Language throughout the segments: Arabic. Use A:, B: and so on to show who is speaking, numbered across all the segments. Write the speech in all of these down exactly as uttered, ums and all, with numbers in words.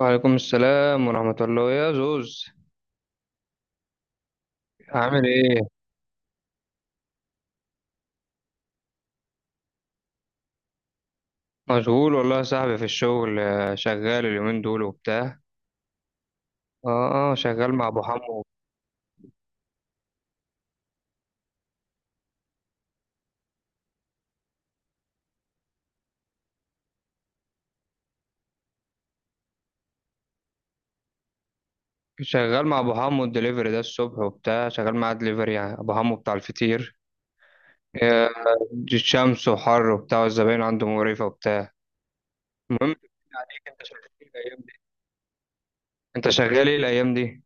A: وعليكم السلام ورحمة الله يا زوز. عامل ايه؟ مشغول والله يا صاحبي في الشغل، آه، شغال اليومين دول وبتاع. اه، اه، شغال مع ابو حمو. شغال مع ابو حمو الدليفري ده الصبح وبتاع، شغال معاه دليفري، يعني ابو حمو بتاع الفطير. آه. شمس وحر وبتاع، والزباين عنده مقرفة وبتاع. المهم، عليك، انت شغال ايه الايام دي؟ انت شغال ايه الايام دي؟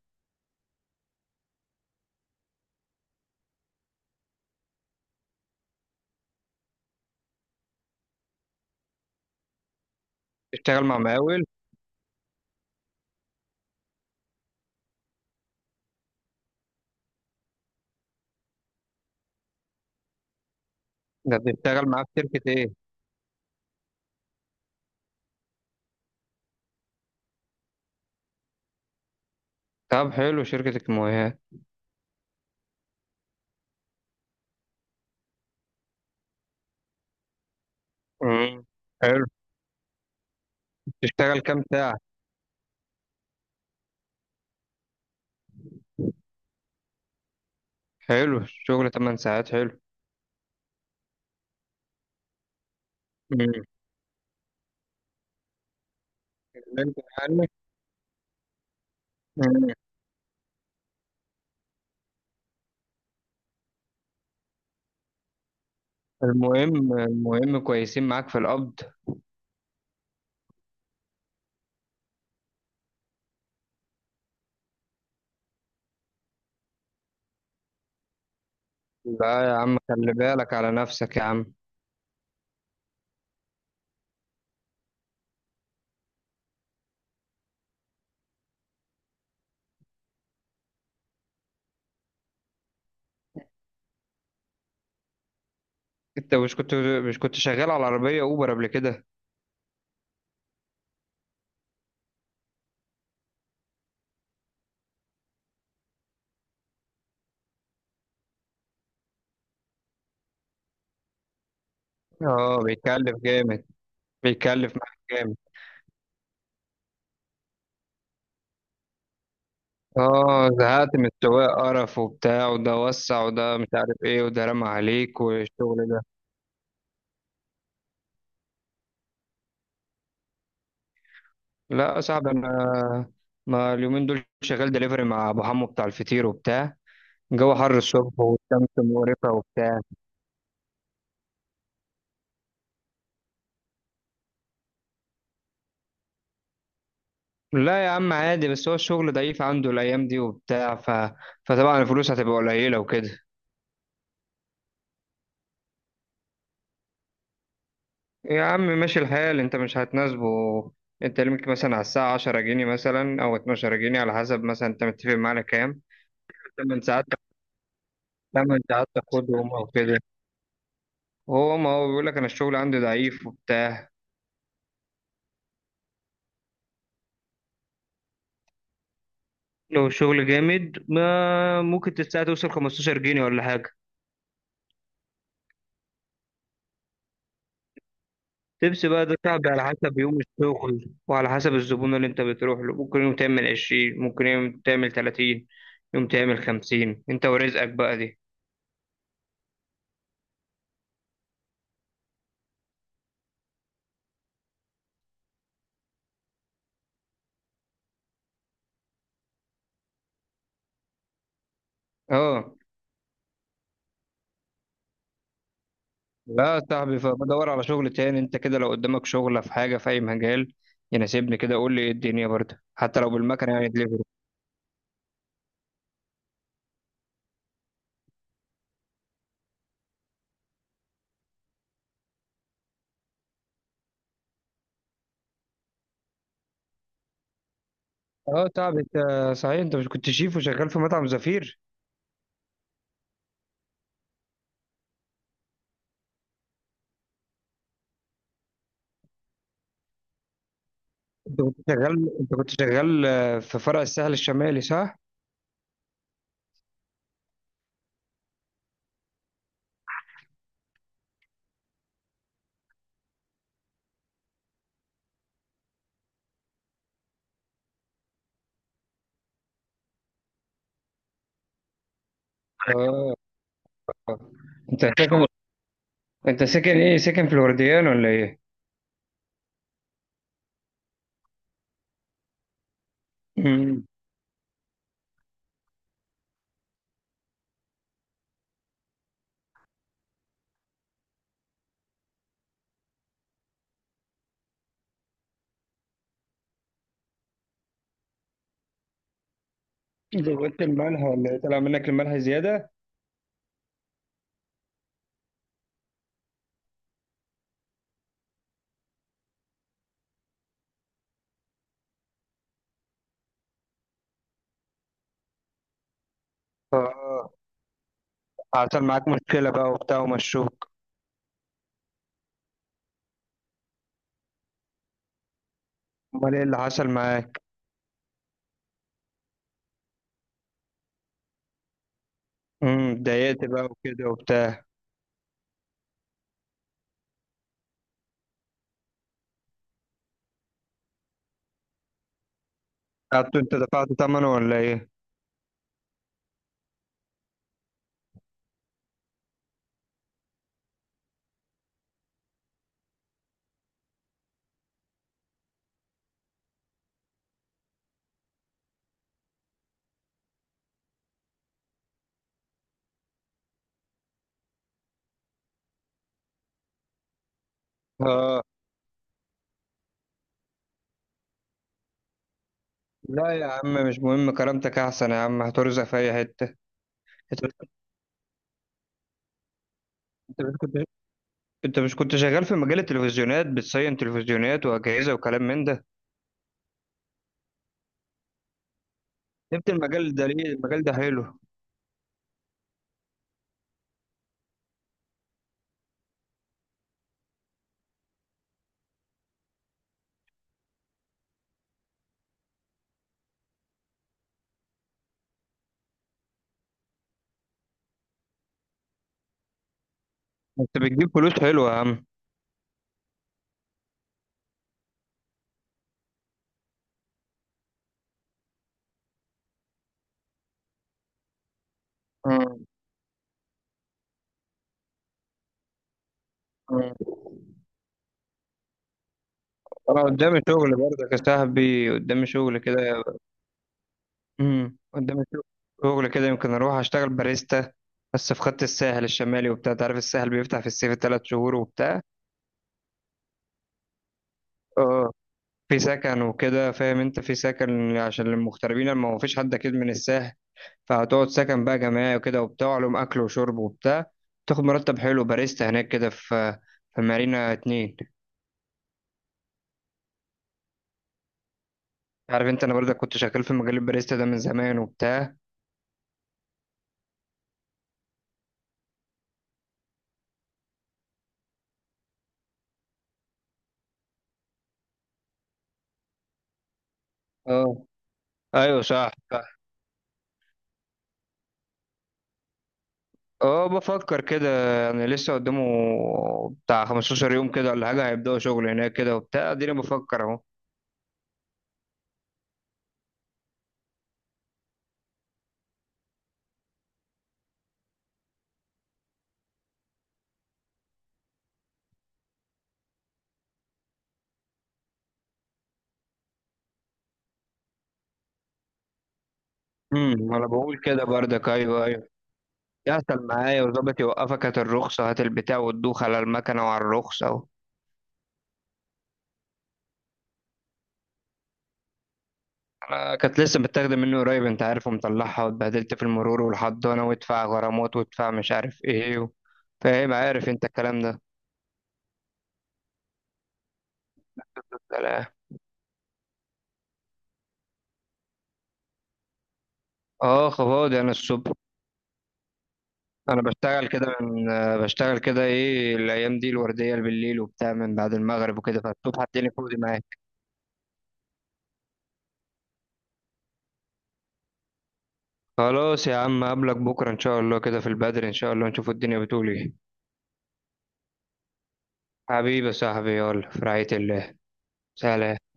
A: بتشتغل مع مقاول؟ ده بتشتغل معاه في شركة ايه؟ طب حلو، شركة الكيماويات. مم. حلو. بتشتغل كام ساعة؟ حلو، شغل تمان ساعات، حلو. مم. اتكلمت عنك. مم. المهم المهم كويسين معاك في القبض. لا يا عم، خلي بالك على نفسك يا عم. انت مش كنت مش كنت شغال على عربية اوبر قبل كده؟ اه، بيكلف جامد. بيكلف معاك جامد. اه، زهقت من السواق، قرف وبتاع، وده وسع، وده مش عارف ايه، وده رمى عليك، والشغل ده. لا يا صاحبي انا، ما اليومين دول شغال دليفري مع ابو حمو بتاع الفطير وبتاع. جو حر الصبح، والشمس مقرفة وبتاع. لا يا عم، عادي، بس هو الشغل ضعيف عنده الأيام دي وبتاع، ف... فطبعا الفلوس هتبقى قليلة وكده. يا عم ماشي الحال، أنت مش هتناسبه. أنت ليك مثلا على الساعة عشرة جنيه، مثلا، أو اتناشر جنيه على حسب، مثلا أنت متفق معاه على كام؟ تمن ساعات، تمن ساعات تاخدهم أو كده. هو، ما هو بيقول لك أنا الشغل عندي ضعيف وبتاع. لو الشغل جامد، ما ممكن الساعة توصل خمسة عشر جنيها ولا حاجة. تبسي بقى ده صعب، على حسب يوم الشغل وعلى حسب الزبون اللي انت بتروح له. ممكن يوم تعمل عشرين، ممكن يوم تعمل تلاتين، يوم تعمل خمسين. انت ورزقك بقى دي. اه. لا يا صاحبي، فبدور على شغل تاني. انت كده لو قدامك شغلة في حاجة في اي مجال يناسبني كده قول لي، ايه الدنيا برضه، حتى لو بالمكنة يعني دليفري. اه صاحبي، انت، صحيح انت مش كنت شيف وشغال في مطعم زفير؟ انت كنت شغال انت كنت شغال آه، في فرع الساحل الشمالي، صح؟ اه. انت ساكن انت ساكن ايه؟ ساكن فلورديان ولا ايه؟ امم. زودت المنهى ولا ايه؟ طلع منك المنهى زياده. اه. حصل معاك مشكله بقى وبتاع، ومشوك. امال ايه اللي حصل معاك؟ امم اتضايقت بقى وكده وبتاع. قعدت انت دفعت ثمنه ولا ايه؟ اه. لا يا عم مش مهم، كرامتك احسن يا عم، هترزق في اي حته. انت مش انت مش كنت انت مش كنت شغال في مجال التلفزيونات، بتصين تلفزيونات واجهزه وكلام من ده؟ سبت المجال ده ليه؟ المجال ده حلو. انت بتجيب فلوس حلوه يا عم. امم. انا قدامي شغل برضك يا صاحبي، قدامي شغل كده. امم قدامي شغل شغل كده يمكن اروح اشتغل باريستا، بس في خط الساحل الشمالي وبتاع. تعرف الساحل بيفتح في الصيف ثلاث شهور وبتاع. اه، في سكن وكده، فاهم انت، في سكن عشان المغتربين، لما ما هو فيش حد اكيد من الساحل. فهتقعد سكن بقى جماعي وكده وبتاع، لهم اكل وشرب وبتاع. تاخد مرتب حلو باريستا هناك كده، في في مارينا اتنين. عارف انت، انا برضك كنت شغال في مجال الباريستا ده من زمان وبتاع. اه، ايوه صح. اه، بفكر كده. يعني لسه قدامه بتاع خمسة عشر يوم كده ولا حاجة، هيبدأوا شغل هناك كده وبتاع، اديني بفكر اهو. امم انا بقول كده برضك، ايوه، ايوه. يحصل معايا وظابط يوقفك، هات الرخصة، هات البتاع، وتدوخ على المكنة وعلى الرخصة و... انا كانت لسه متاخدة منه قريب انت عارف، ومطلعها، واتبهدلت في المرور والحضانة، وادفع غرامات، وادفع مش عارف ايه و... فاهم، عارف انت الكلام ده؟ لا. اه، فاضي انا الصبح. انا بشتغل كده من آه، بشتغل كده ايه الايام دي الورديه بالليل وبتاع من بعد المغرب وكده، فالصبح الدنيا فاضي معاك. خلاص يا عم، قبلك بكره ان شاء الله كده في البدر، ان شاء الله نشوف الدنيا بتقول ايه. حبيبي يا صاحبي، يلا في رعايه الله. سلام.